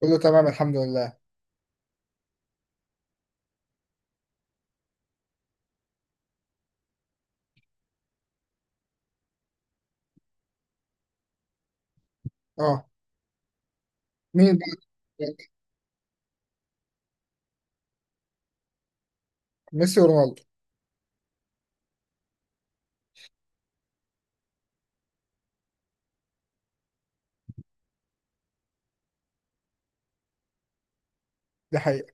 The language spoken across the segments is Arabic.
كله تمام، الحمد لله. اه، مين بقى؟ ميسي ورونالدو. دي حقيقة.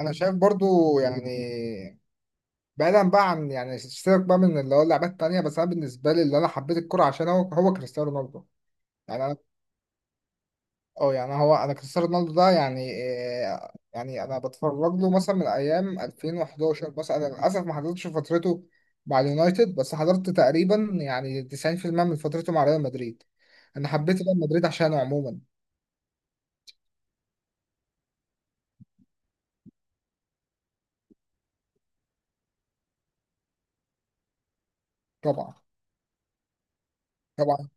انا شايف برضو، يعني بعيدا بقى عن يعني سيبك بقى من اللي هو اللعبات التانية، بس انا بالنسبة لي اللي انا حبيت الكرة عشان هو كريستيانو رونالدو. يعني انا، اه يعني هو انا كريستيانو رونالدو ده يعني إيه، يعني انا بتفرج له مثلا من ايام 2011. مثلا انا للاسف ما حضرتش فترته مع اليونايتد، بس حضرت تقريبا يعني 90% من فترته مع ريال مدريد. انا حبيت ريال مدريد عشانه عموما. طبعا. طبعا.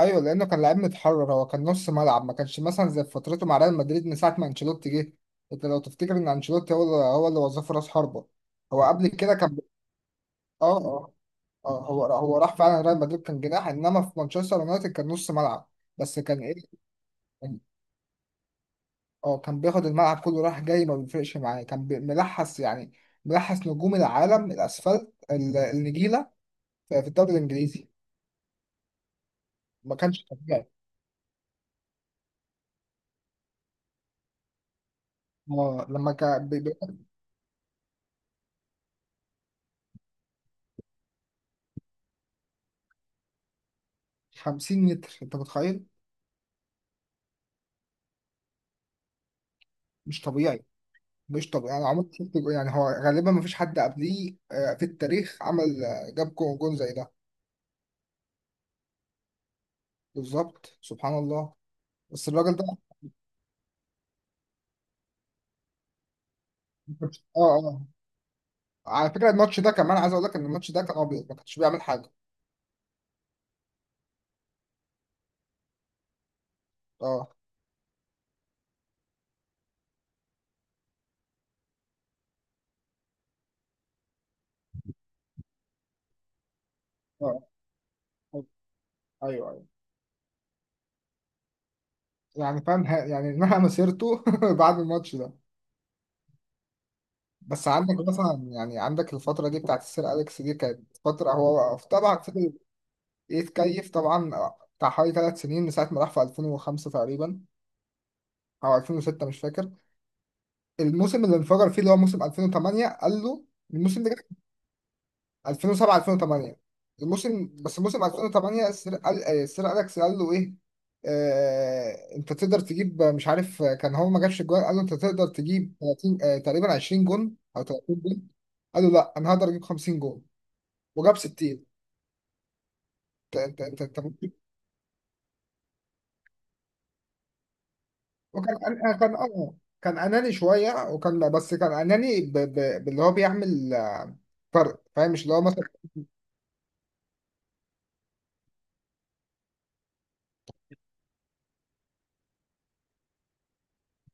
ايوه، لانه كان لعيب متحرر، هو كان نص ملعب، ما كانش مثلا زي فترته مع ريال مدريد من ساعه ما انشيلوتي جه. انت لو تفتكر ان انشيلوتي هو اللي وظفه راس حربه، هو قبل كده كان اه. اه. هو راح فعلا ريال مدريد كان جناح، انما في مانشستر يونايتد كان نص ملعب. بس كان ايه، كان- اه، كان بياخد الملعب كله راح جاي ما بيفرقش معاه، كان ملحس يعني، ملحس نجوم العالم الاسفلت النجيله في في الدوري الانجليزي. ما كانش طبيعي. اه لما كان 50 متر انت متخيل. مش طبيعي. مش طبيعي، انا عمري ما شفت يعني هو غالبا ما فيش حد قبليه في التاريخ عمل، جاب جون زي ده. بالظبط، سبحان الله. بس الراجل ده. اه. اه. على فكره الماتش ده كمان عايز اقول لك ان الماتش ده كان ابيض، ما كانش بيعمل حاجه. اه. اه. ايوه ايوه. يعني فاهم يعني انها مسيرته بعد الماتش ده. بس عندك مثلا يعني عندك الفتره دي بتاعت السير اليكس، دي كانت فتره هو طبعا فضل يتكيف طبعا، بتاع حوالي ثلاث سنين من ساعه ما راح في 2005 تقريبا، او 2006 مش فاكر. الموسم اللي انفجر فيه اللي هو موسم 2008، قال له الموسم ده 2007 2008، الموسم، بس موسم 2008 السير قال، السير اليكس قال له ايه. آه انت تقدر تجيب مش عارف، كان هو ما جابش الجوان، قال له انت تقدر تجيب 30، آه تقريبا 20 جون او 30 جون. قال له لا انا هقدر اجيب 50 جون. وجاب 60. انت وكان، أنا كان اه كان اناني شويه، وكان بس كان اناني باللي هو بيعمل فرق، فاهم؟ مش اللي هو مثلا.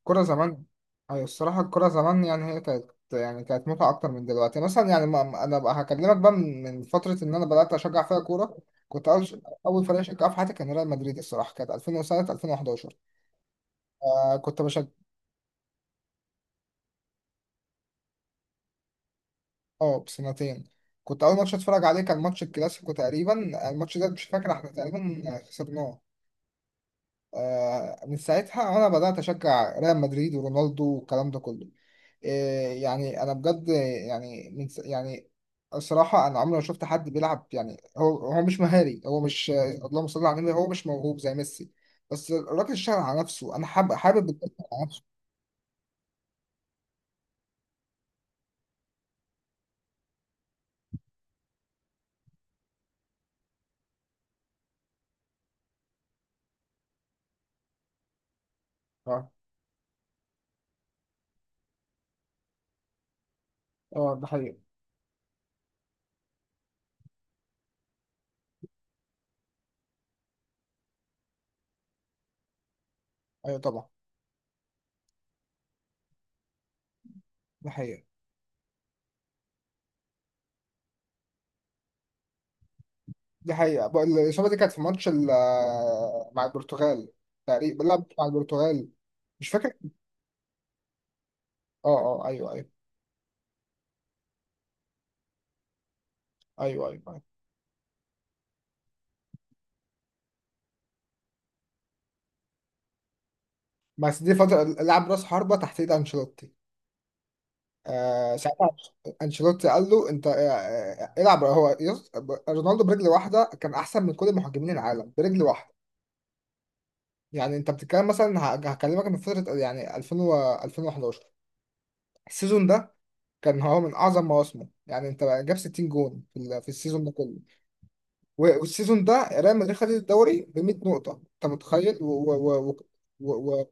كرة زمان، أيوة الصراحة الكرة زمان يعني هي كانت يعني كانت متعة أكتر من دلوقتي، مثلا يعني أنا بقى هكلمك بقى من من فترة إن أنا بدأت أشجع فيها كورة. كنت أول أول فريق أشجعه في حياتي كان ريال مدريد الصراحة، كانت 2007 2011. آه كنت بشجع. أه بسنتين. كنت أول ماتش أتفرج عليه كان ماتش الكلاسيكو تقريبا، الماتش ده مش فاكر إحنا تقريبا خسرناه. آه من ساعتها أنا بدأت أشجع ريال مدريد ورونالدو والكلام ده كله. إيه يعني انا بجد، يعني يعني الصراحه انا عمري ما شفت حد بيلعب، يعني هو مش مهاري، هو مش، اللهم صل على النبي، هو مش موهوب زي ميسي، بس الراجل اشتغل على نفسه. انا حابب الجد على نفسه. اه. ده حقيقة. ايوه طبعا. ده حقيقة. دي حقيقة بقى، الإصابة دي كانت في ماتش مع البرتغال، تقريبا لعب مع البرتغال. مش فاكر. اه. اه ايوه ايوه. ايوه ايوه، أيوة. بس دي فترة لعب راس حربة تحت ايد انشيلوتي، ساعتها انشيلوتي قال له انت، العب، هو رونالدو برجل واحده كان احسن من كل المهاجمين العالم برجل واحده. يعني انت بتتكلم مثلا هكلمك من فتره يعني 2000 و 2011، السيزون ده كان هو من اعظم مواسمه. يعني انت جاب 60 جون في في السيزون ده كله، والسيزون ده ريال مدريد خد الدوري ب 100 نقطه، انت متخيل؟ و و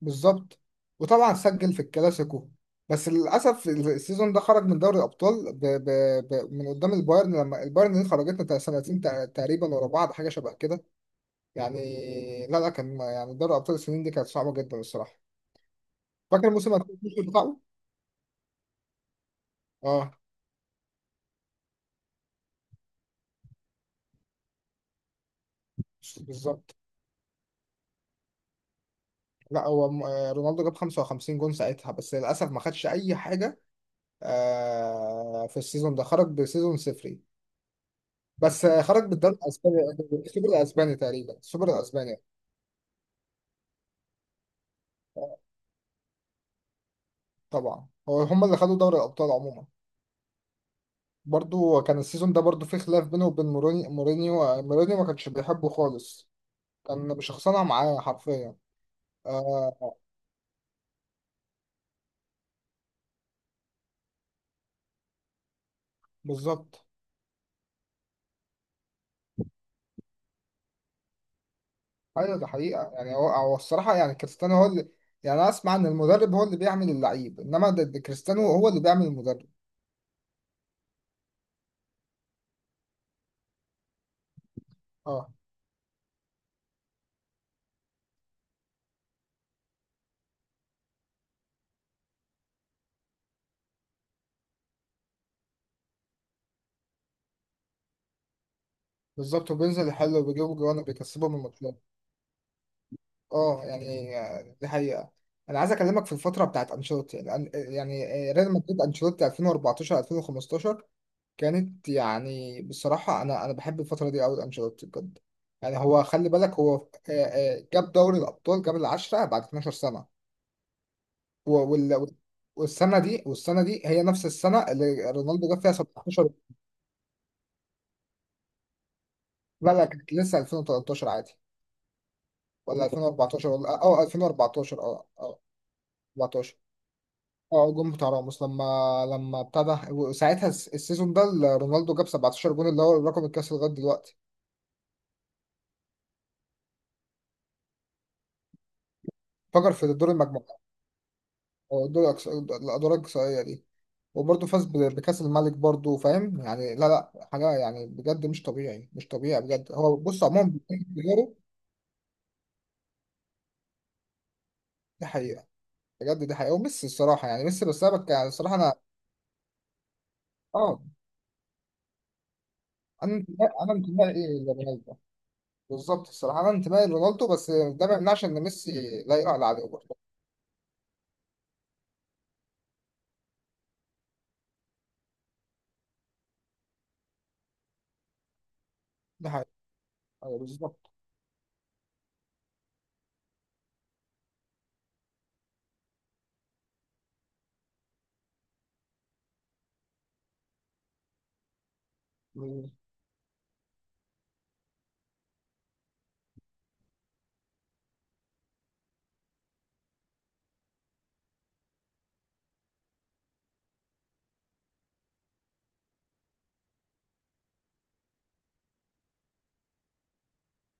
بالظبط. وطبعا سجل في الكلاسيكو، بس للاسف السيزون ده خرج من دوري الابطال من قدام البايرن، لما البايرن دي خرجتنا سنتين تقريبا ورا بعض حاجه شبه كده. يعني لا لا، كان يعني دوري ابطال السنين دي كانت صعبه جدا الصراحه. فاكر موسم 2012 بتاعه؟ اه. بالظبط. لا هو رونالدو جاب 55 جون ساعتها، بس للاسف ما خدش اي حاجه، في السيزون ده خرج بسيزون صفري، بس خرج بالدوري الاسباني، السوبر الاسباني تقريبا، السوبر الاسباني. طبعا هو هم اللي خدوا دوري الابطال عموما. برضو كان السيزون ده برضو فيه خلاف بينه وبين مورينيو، مورينيو ما كانش بيحبه خالص، كان بشخصنها معاه حرفيا. آه. بالظبط. ايوه ده حقيقة، يعني هو الصراحة يعني كريستيانو هو اللي، يعني انا اسمع ان المدرب هو اللي بيعمل اللعيب، انما ده كريستيانو هو اللي بيعمل المدرب. اه. بالظبط، وبينزل يحل وبيجيبوا جوان وبيكسبهم الماتشات. اه يعني، دي حقيقة. انا عايز اكلمك في الفترة بتاعت انشيلوتي، يعني ريال مدريد انشيلوتي 2014 2015، كانت يعني بصراحة أنا بحب الفترة دي أوي لأنشيلوتي بجد. يعني هو خلي بالك هو، جاب دوري الأبطال، جاب العشرة بعد 12 سنة، و- وال- والسنة دي هي نفس السنة اللي رونالدو جاب فيها 17. لا لا كانت لسه 2013 عادي، ولا 2014، ولا أه 2014، أه أه 14. اه الجون بتاع راموس، لما ابتدى، وساعتها السيزون ده اللي رونالدو جاب 17 جون، اللي هو الرقم القياسي لغايه دلوقتي. فجر في دور المجموعات، أو دور الادوار الاقصائيه دي، وبرضه فاز بكأس الملك برضه، فاهم يعني. لا لا حاجة يعني، بجد مش طبيعي مش طبيعي بجد. هو بص عموما بيكون بيجاره. دي حقيقة. بجد دي حقيقة. وميسي الصراحة يعني، ميسي بس أنا يعني الصراحة أنا. أه. أنا انتمائي لرونالدو، بالظبط الصراحة أنا انتمائي لرونالدو، بس ده ما يمنعش إن ميسي لا يعلى عليه برضه. دي حقيقة. أيوة بالظبط. لغاية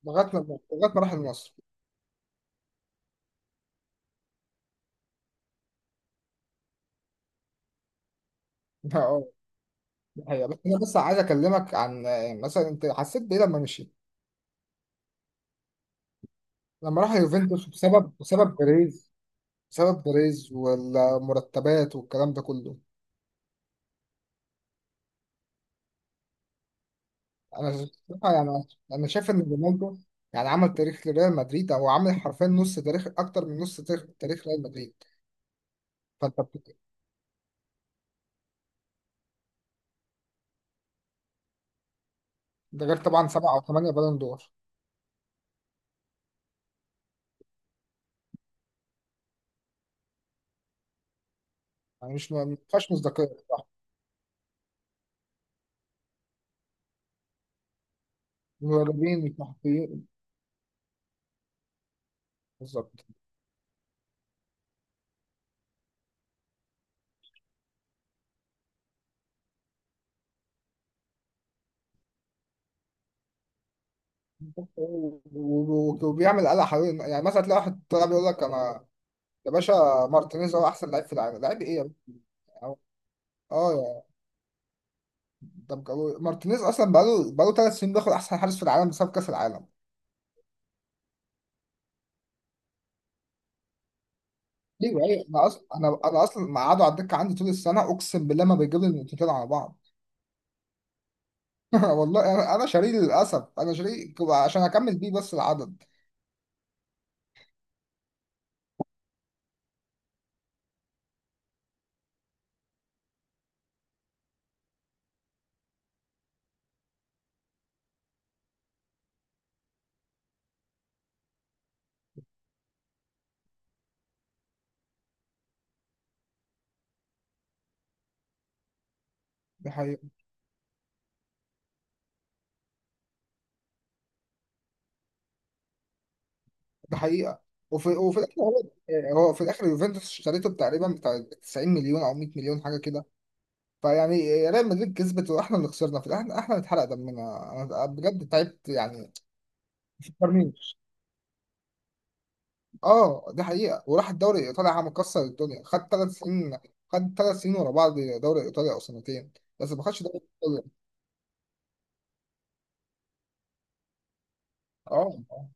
ما راح النصر. أه، دي حقيقة. بس أنا بس عايز أكلمك عن، مثلا أنت حسيت بإيه لما مشي؟ لما راح اليوفنتوس، بسبب بيريز، بسبب بيريز والمرتبات والكلام ده كله. انا بصراحة يعني، انا شايف ان رونالدو يعني عمل تاريخ لريال مدريد، او عامل حرفيا نص تاريخ، اكتر من نص تاريخ ريال مدريد. فانت بت- ده غير طبعا سبعة او ثمانية بالون دور. يعني مش، ما فيهاش مصداقية بصراحة. المدربين مش محبوبين. بالظبط. و- و- وبيعمل قلق حوالين، يعني مثلا تلاقي واحد طلع بيقول لك انا، يا باشا، مارتينيز هو احسن لعيب في العالم؟ لعيب ايه يا باشا؟ اه. طب مارتينيز اصلا بقاله ثلاث سنين بياخد احسن حارس في العالم بسبب كاس العالم. ايوه ايوه، انا اصلا انا اصلا مقعده على الدكه عندي طول السنه، اقسم بالله ما بيجيب لي النقطتين على بعض. والله انا شاريه للاسف، انا شاريه عشان اكمل بيه بس العدد. دي حقيقه. دي حقيقه. وفي الاخر هو، هو في الاخر يوفنتوس اشتريته تقريبا بتاع 90 مليون او 100 مليون، حاجه كده. فيعني ريال مدريد كسبت، واحنا اللي خسرنا في الاخر، احنا اللي اتحرق دمنا انا بجد تعبت، يعني ما تفكرنيش. اه دي حقيقة، وراح الدوري الإيطالي عم مكسر الدنيا، خد ثلاث سنين، خد ثلاث سنين ورا بعض دوري إيطاليا، أو سنتين. بس ما خدش دوري إيطاليا. اه. اه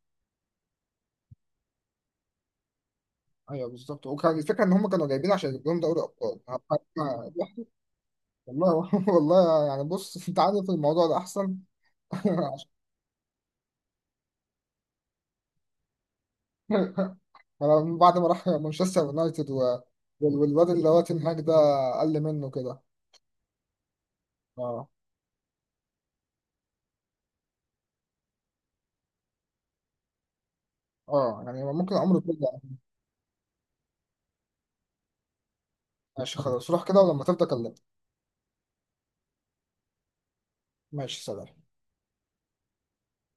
ايوه بالظبط، وكان الفكرة إن هم كانوا جايبين عشان يجيب لهم دوري أبطال. والله والله يعني بص أنت عارف الموضوع ده أحسن. أنا من بعد ما راح مانشستر يونايتد والواد اللي هو تنهاج ده قل منه كده. اه. اه يعني ممكن عمره كله. ماشي خلاص روح كده ولما تبدأ كلمني. ماشي سلام.